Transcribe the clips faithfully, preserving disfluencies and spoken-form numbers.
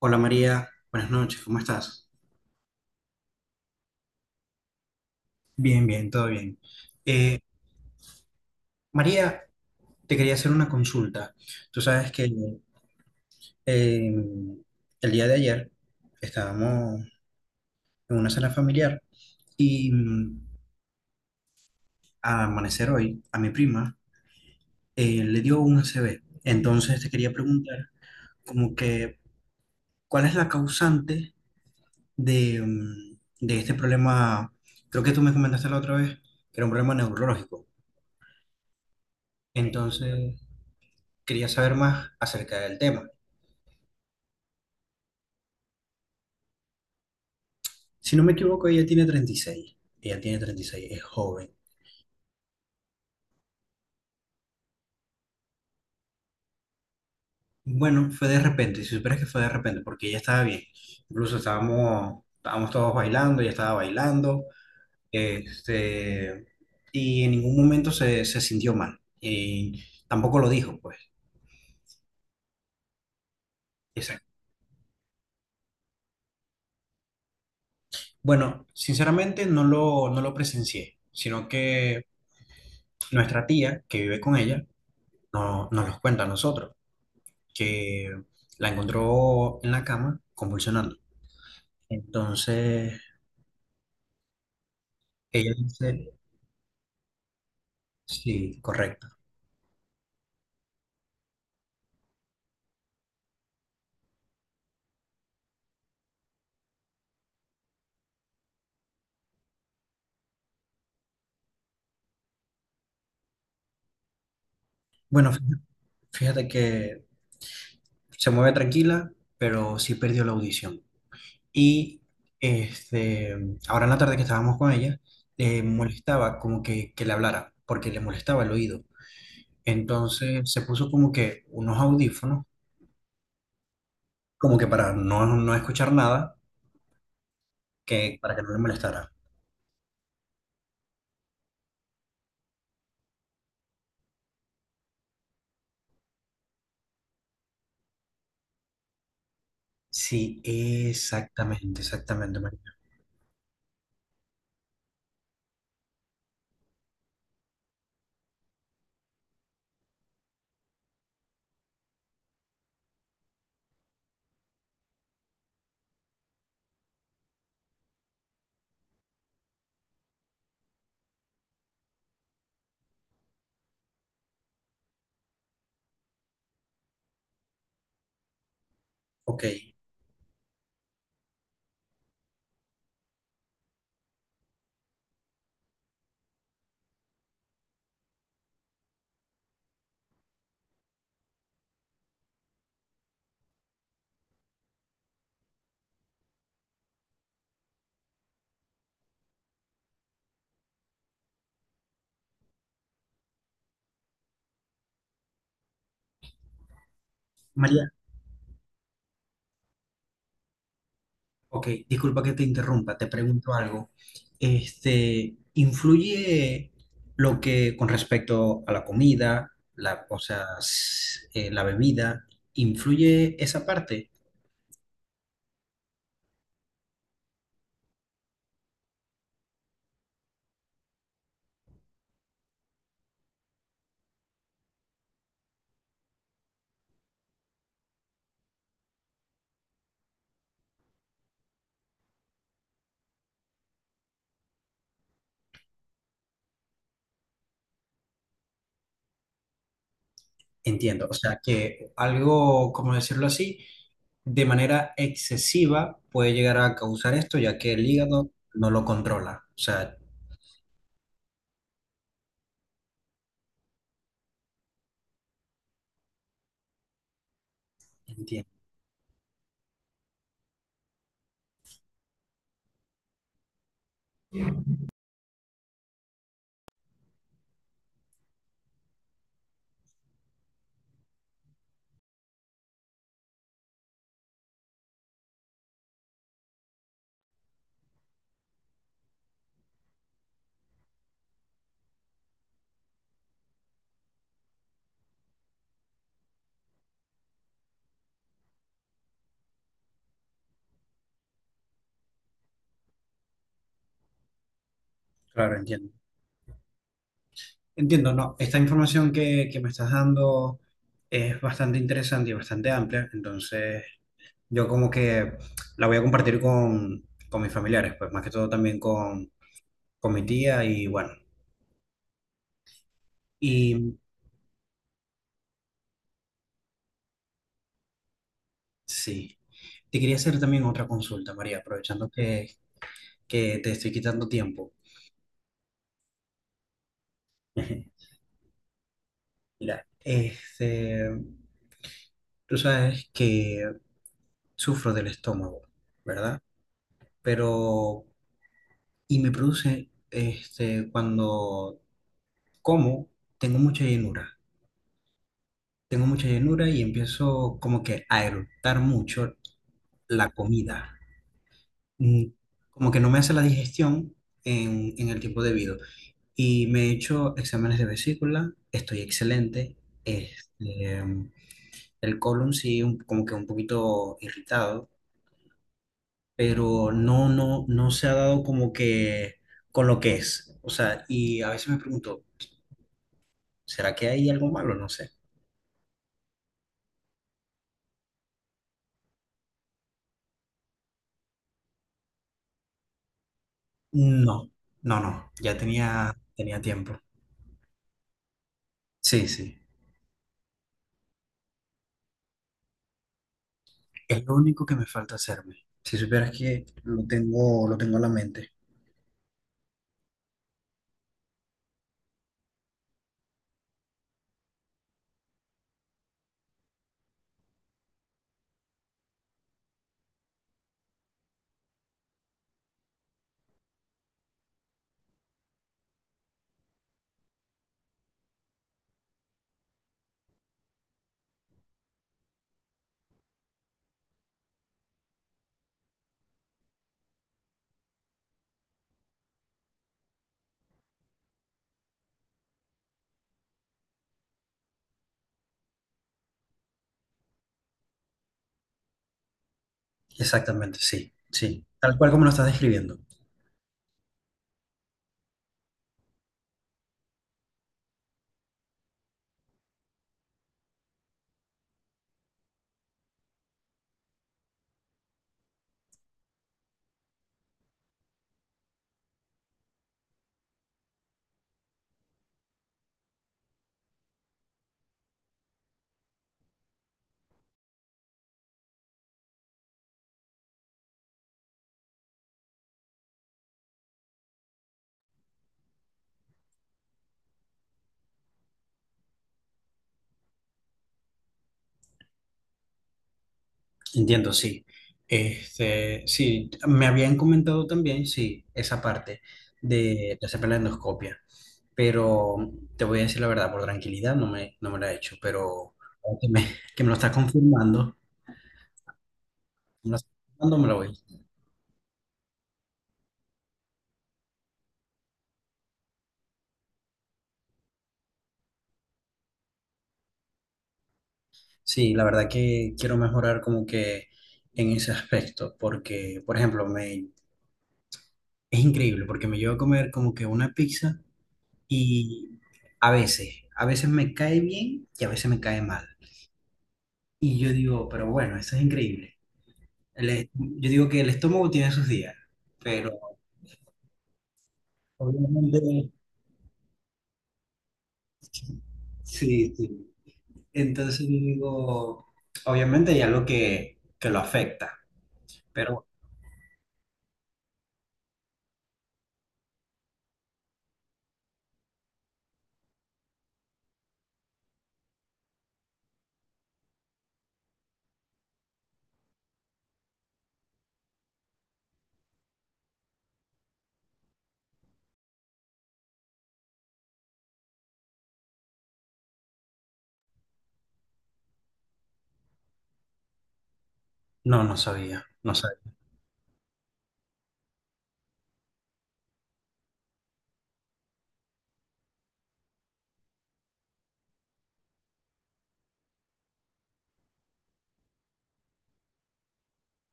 Hola María, buenas noches, ¿cómo estás? Bien, bien, todo bien. Eh, María, te quería hacer una consulta. Tú sabes que eh, el día de ayer estábamos en una cena familiar y mm, al amanecer hoy a mi prima eh, le dio un A C V. Entonces te quería preguntar como que, ¿cuál es la causante de, mm, de este problema? Creo que tú me comentaste la otra vez que era un problema neurológico. Entonces, quería saber más acerca del tema. Si no me equivoco, ella tiene treinta y seis. Ella tiene treinta y seis, es joven. Bueno, fue de repente, si supieras que fue de repente, porque ella estaba bien. Incluso estábamos, estábamos todos bailando, ella estaba bailando, este, y en ningún momento se, se sintió mal. Y tampoco lo dijo, pues. Exacto. Bueno, sinceramente no lo, no lo presencié, sino que nuestra tía que vive con ella no, no nos los cuenta a nosotros, que la encontró en la cama convulsionando. Entonces, ella dice, sí, correcto. Bueno, fí- fíjate que se mueve tranquila, pero sí perdió la audición. Y este, ahora en la tarde que estábamos con ella, le molestaba como que, que le hablara, porque le molestaba el oído. Entonces se puso como que unos audífonos, como que para no, no escuchar nada, que para que no le molestara. Sí, exactamente, exactamente. Ok, María, ok, disculpa que te interrumpa, te pregunto algo. Este, ¿influye lo que con respecto a la comida, la, o sea, s- eh, la bebida, influye esa parte? Entiendo, o sea, que algo, como decirlo así, de manera excesiva puede llegar a causar esto, ya que el hígado no lo controla. O sea, entiendo, claro, entiendo. Entiendo, no, esta información que, que me estás dando es bastante interesante y bastante amplia, entonces yo como que la voy a compartir con, con mis familiares, pues más que todo también con, con mi tía y bueno, y sí, te quería hacer también otra consulta, María, aprovechando que, que te estoy quitando tiempo. Mira, este, tú sabes que sufro del estómago, ¿verdad? Pero, y me produce, este, cuando como tengo mucha llenura, tengo mucha llenura y empiezo como que a eructar mucho la comida. Mm, Como que no me hace la digestión en, en el tiempo debido. Y me he hecho exámenes de vesícula, estoy excelente. Este, el colon sí, un- como que un poquito irritado, pero no, no, no se ha dado como que con lo que es. O sea, y a veces me pregunto, ¿será que hay algo malo? No sé. No, no, no, ya tenía, tenía tiempo. Sí, sí, es lo único que me falta hacerme. Si supieras que lo tengo, lo tengo en la mente. Exactamente, sí, sí, tal cual como lo estás describiendo. Entiendo, sí. Este, sí, me habían comentado también, sí, esa parte de, de hacerme la endoscopia, pero te voy a decir la verdad, por tranquilidad no me, no me la he hecho, pero ahora que me, que me lo estás confirmando, me lo estás confirmando, me lo voy. Sí, la verdad que quiero mejorar como que en ese aspecto, porque, por ejemplo, me, es increíble, porque me llevo a comer como que una pizza y a veces, a veces me cae bien y a veces me cae mal. Y yo digo, pero bueno, esto es increíble. El es- yo digo que el estómago tiene sus días, pero obviamente, sí, sí. Entonces yo digo, obviamente hay algo que, que lo afecta, pero no, no sabía, no sabía.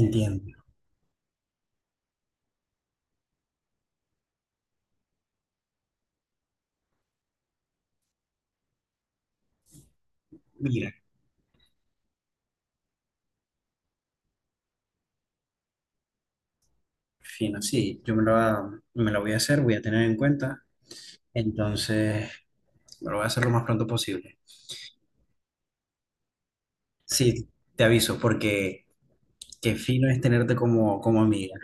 Entiendo. Mira. Fino, sí, yo me lo, va- me lo voy a hacer, voy a tener en cuenta, entonces me lo voy a hacer lo más pronto posible. Sí, te aviso, porque qué fino es tenerte como, como amiga.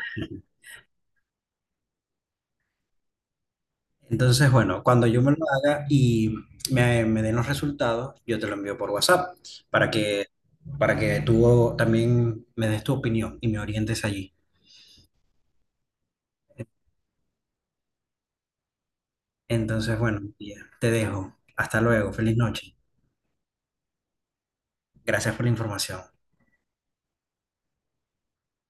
Entonces, bueno, cuando yo me lo haga y me, me den los resultados, yo te lo envío por WhatsApp para que, para que tú también me des tu opinión y me orientes allí. Entonces, bueno, tía, te dejo. Hasta luego, feliz noche. Gracias por la información.